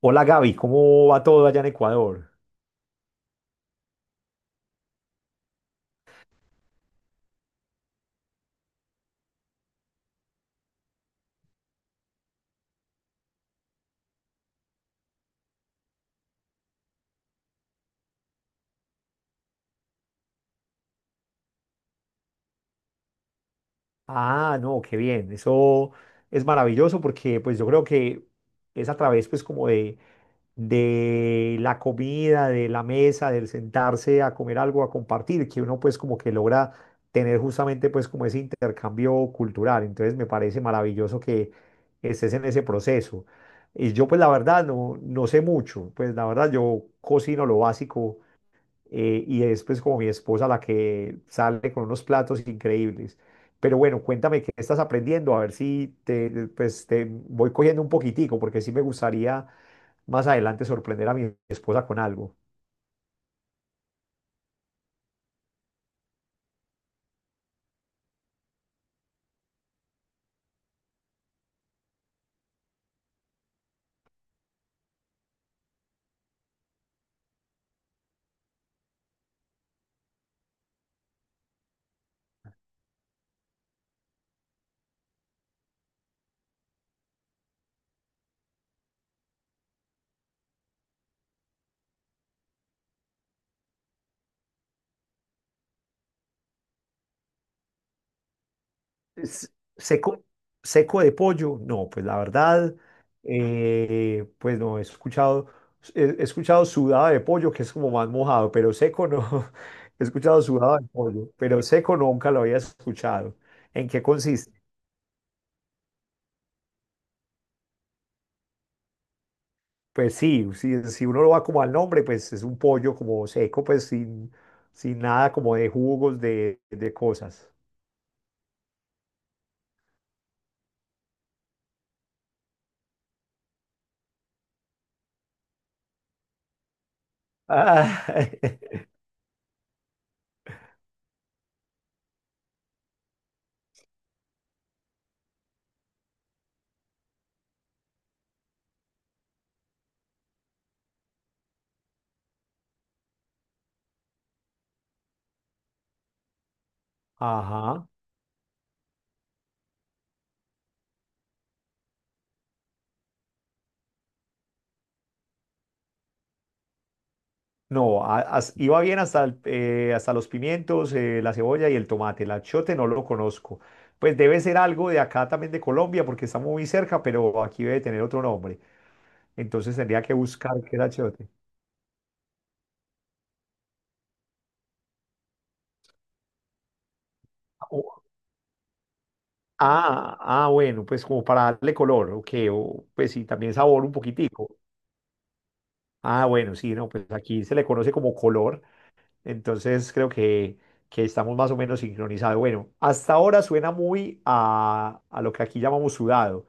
Hola Gaby, ¿cómo va todo allá en Ecuador? Ah, no, qué bien, eso es maravilloso porque pues yo creo que es a través pues como de la comida, de la mesa, del sentarse a comer algo, a compartir, que uno pues como que logra tener justamente pues como ese intercambio cultural. Entonces me parece maravilloso que estés en ese proceso. Y yo pues la verdad no sé mucho, pues la verdad yo cocino lo básico, y es pues como mi esposa la que sale con unos platos increíbles. Pero bueno, cuéntame qué estás aprendiendo, a ver si te voy cogiendo un poquitico, porque sí me gustaría más adelante sorprender a mi esposa con algo. S- Seco, seco de pollo, no, pues la verdad, pues no, he escuchado, he escuchado sudada de pollo, que es como más mojado, pero seco no, he escuchado sudada de pollo, pero seco nunca lo había escuchado. ¿En qué consiste? Pues sí, si uno lo va como al nombre, pues es un pollo como seco, pues sin nada como de jugos, de cosas. Ah. Ajá. No, iba bien hasta, hasta los pimientos, la cebolla y el tomate. El achiote no lo conozco. Pues debe ser algo de acá también de Colombia, porque está muy cerca, pero aquí debe tener otro nombre. Entonces tendría que buscar qué era achiote. O- Ah, ah, bueno, pues como para darle color, ok, o, pues sí, también sabor un poquitico. Ah, bueno, sí, no, pues aquí se le conoce como color, entonces creo que estamos más o menos sincronizados. Bueno, hasta ahora suena muy a lo que aquí llamamos sudado.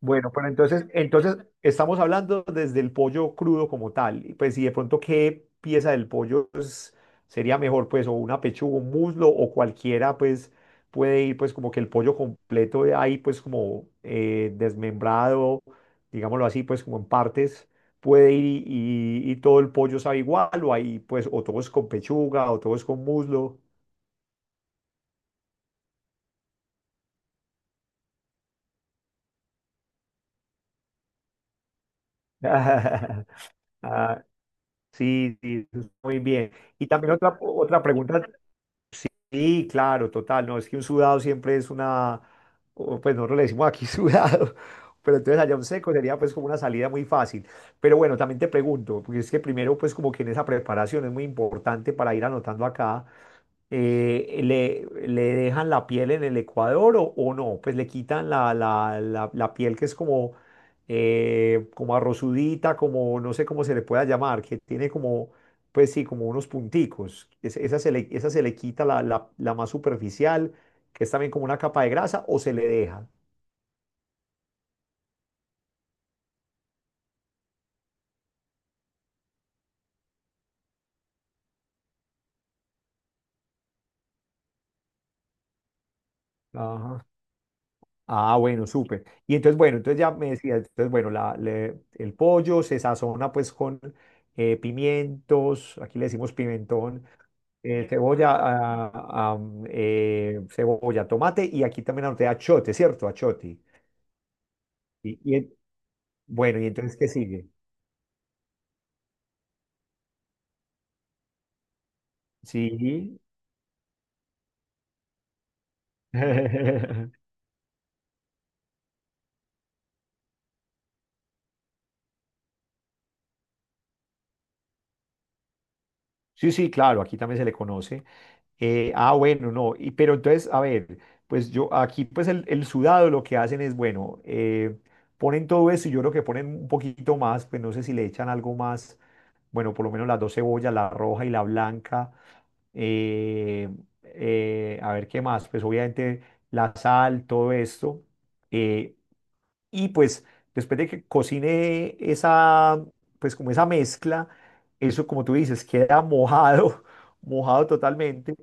Bueno, pero entonces estamos hablando desde el pollo crudo como tal. Y pues si de pronto qué pieza del pollo sería mejor, pues, o una pechuga, un muslo, o cualquiera, pues, puede ir, pues, como que el pollo completo de ahí, pues, como desmembrado, digámoslo así, pues, como en partes, puede ir y todo el pollo sabe igual, o ahí, pues, o todo es con pechuga, o todo es con muslo. Ah, sí, sí, muy bien. Y también otra pregunta. Sí, claro, total. No, es que un sudado siempre es una, o, pues nosotros le decimos aquí sudado, pero entonces allá un seco sería pues como una salida muy fácil. Pero bueno, también te pregunto, porque es que primero pues como que en esa preparación es muy importante para ir anotando acá, le dejan la piel en el Ecuador o no, pues le quitan la piel que es como, como arrozudita, como no sé cómo se le pueda llamar, que tiene como, pues sí, como unos punticos. Esa se le quita la más superficial, que es también como una capa de grasa, o se le deja. Ajá. Ah, bueno, súper. Y entonces, bueno, entonces ya me decía, entonces, bueno, el pollo se sazona pues con pimientos, aquí le decimos pimentón, cebolla, tomate y aquí también anoté achote, ¿cierto? Achote. Y, y en- bueno, ¿y entonces qué sigue? Sí. Sí, sí, claro, aquí también se le conoce. Bueno, no, pero entonces, a ver, pues yo aquí, pues el sudado lo que hacen es, bueno, ponen todo eso y yo creo que ponen un poquito más, pues no sé si le echan algo más, bueno, por lo menos las dos cebollas, la roja y la blanca. eh, a ver qué más, pues obviamente la sal, todo esto. eh, y pues después de que cocine esa, pues como esa mezcla, eso como tú dices, queda mojado, mojado totalmente.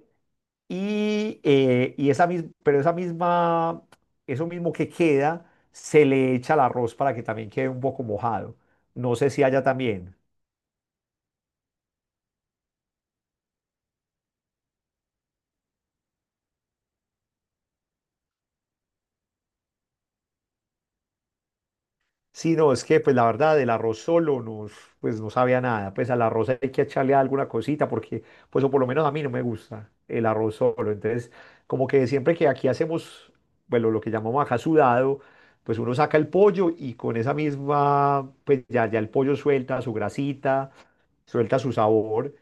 Y esa misma, pero esa misma, eso mismo que queda, se le echa al arroz para que también quede un poco mojado. No sé si haya también. Sí, no, es que pues la verdad el arroz solo pues no sabía nada, pues al arroz hay que echarle alguna cosita, porque pues o por lo menos a mí no me gusta el arroz solo, entonces como que siempre que aquí hacemos, bueno, lo que llamamos acá sudado, pues uno saca el pollo y con esa misma, pues ya el pollo suelta su grasita, suelta su sabor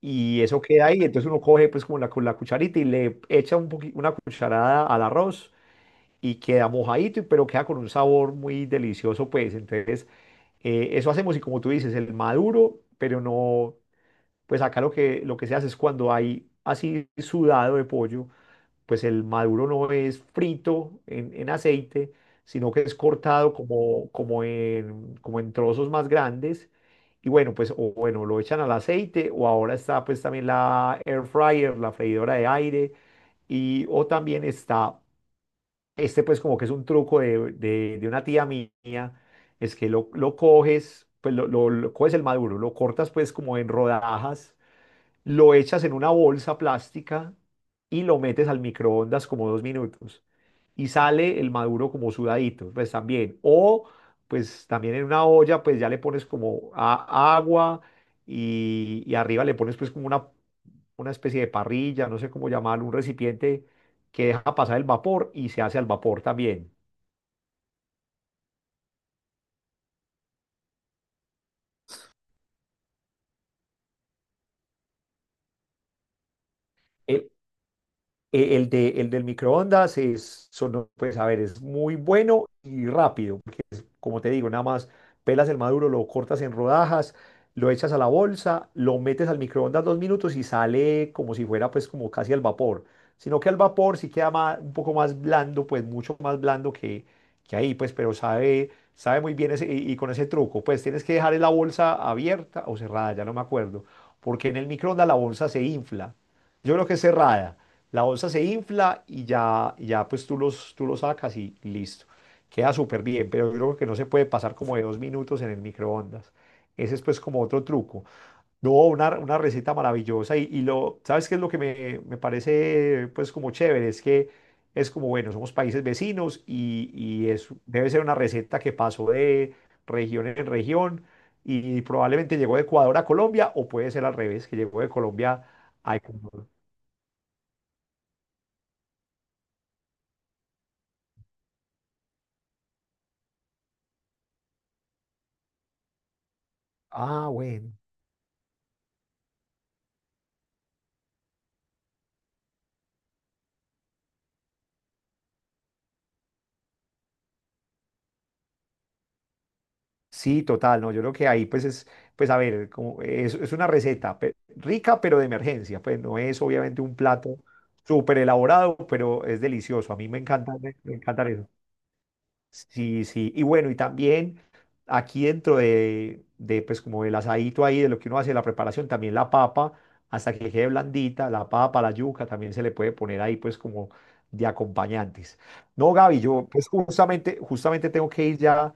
y eso queda ahí, entonces uno coge pues como con la cucharita y le echa una cucharada al arroz y queda mojadito, pero queda con un sabor muy delicioso, pues entonces. Eso hacemos y como tú dices, el maduro, pero no, pues acá lo que se hace es cuando hay así sudado de pollo, pues el maduro no es frito en aceite, sino que es cortado como en trozos más grandes. Y bueno, pues o bueno, lo echan al aceite o ahora está pues también la air fryer, la freidora de aire, y o también está este, pues como que es un truco de una tía mía, es que lo coges, pues lo coges el maduro, lo cortas pues como en rodajas, lo echas en una bolsa plástica y lo metes al microondas como 2 minutos y sale el maduro como sudadito, pues también. O pues también en una olla, pues ya le pones como agua, y arriba le pones pues como una especie de parrilla, no sé cómo llamarlo, un recipiente que deja pasar el vapor y se hace al vapor también. El, el del microondas son, pues a ver, es muy bueno y rápido. Como te digo, nada más pelas el maduro, lo cortas en rodajas, lo echas a la bolsa, lo metes al microondas 2 minutos y sale como si fuera pues como casi al vapor. Sino que al vapor sí queda un poco más blando, pues mucho más blando que ahí, pues, pero sabe muy bien ese, y con ese truco, pues tienes que dejar la bolsa abierta o cerrada, ya no me acuerdo, porque en el microondas la bolsa se infla. Yo creo que es cerrada. La bolsa se infla y ya pues tú los sacas y listo. Queda súper bien, pero yo creo que no se puede pasar como de 2 minutos en el microondas. Ese es pues como otro truco. No, una receta maravillosa y lo, ¿sabes qué es lo que me parece pues como chévere? Es que es como, bueno, somos países vecinos y debe ser una receta que pasó de región en región y probablemente llegó de Ecuador a Colombia o puede ser al revés, que llegó de Colombia a Ecuador. Ah, bueno. Sí, total, no, yo creo que ahí pues pues a ver, como es una receta rica pero de emergencia, pues no es obviamente un plato súper elaborado, pero es delicioso, a mí me encanta, me encanta eso. Sí, sí, y bueno, y también aquí dentro de pues como el asadito ahí, de lo que uno hace, la preparación, también la papa, hasta que quede blandita, la papa, la yuca, también se le puede poner ahí pues como de acompañantes. No, Gaby, yo pues justamente tengo que ir ya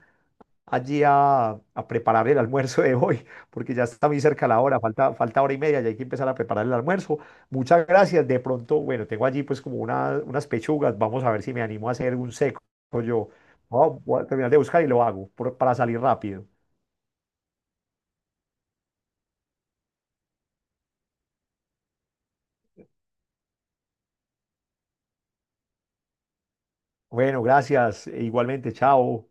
allí a preparar el almuerzo de hoy, porque ya está muy cerca la hora, falta hora y media y hay que empezar a preparar el almuerzo. Muchas gracias. De pronto, bueno, tengo allí pues como unas pechugas, vamos a ver si me animo a hacer un seco yo. Voy a terminar de buscar y lo hago para salir rápido. Bueno, gracias. E igualmente, chao.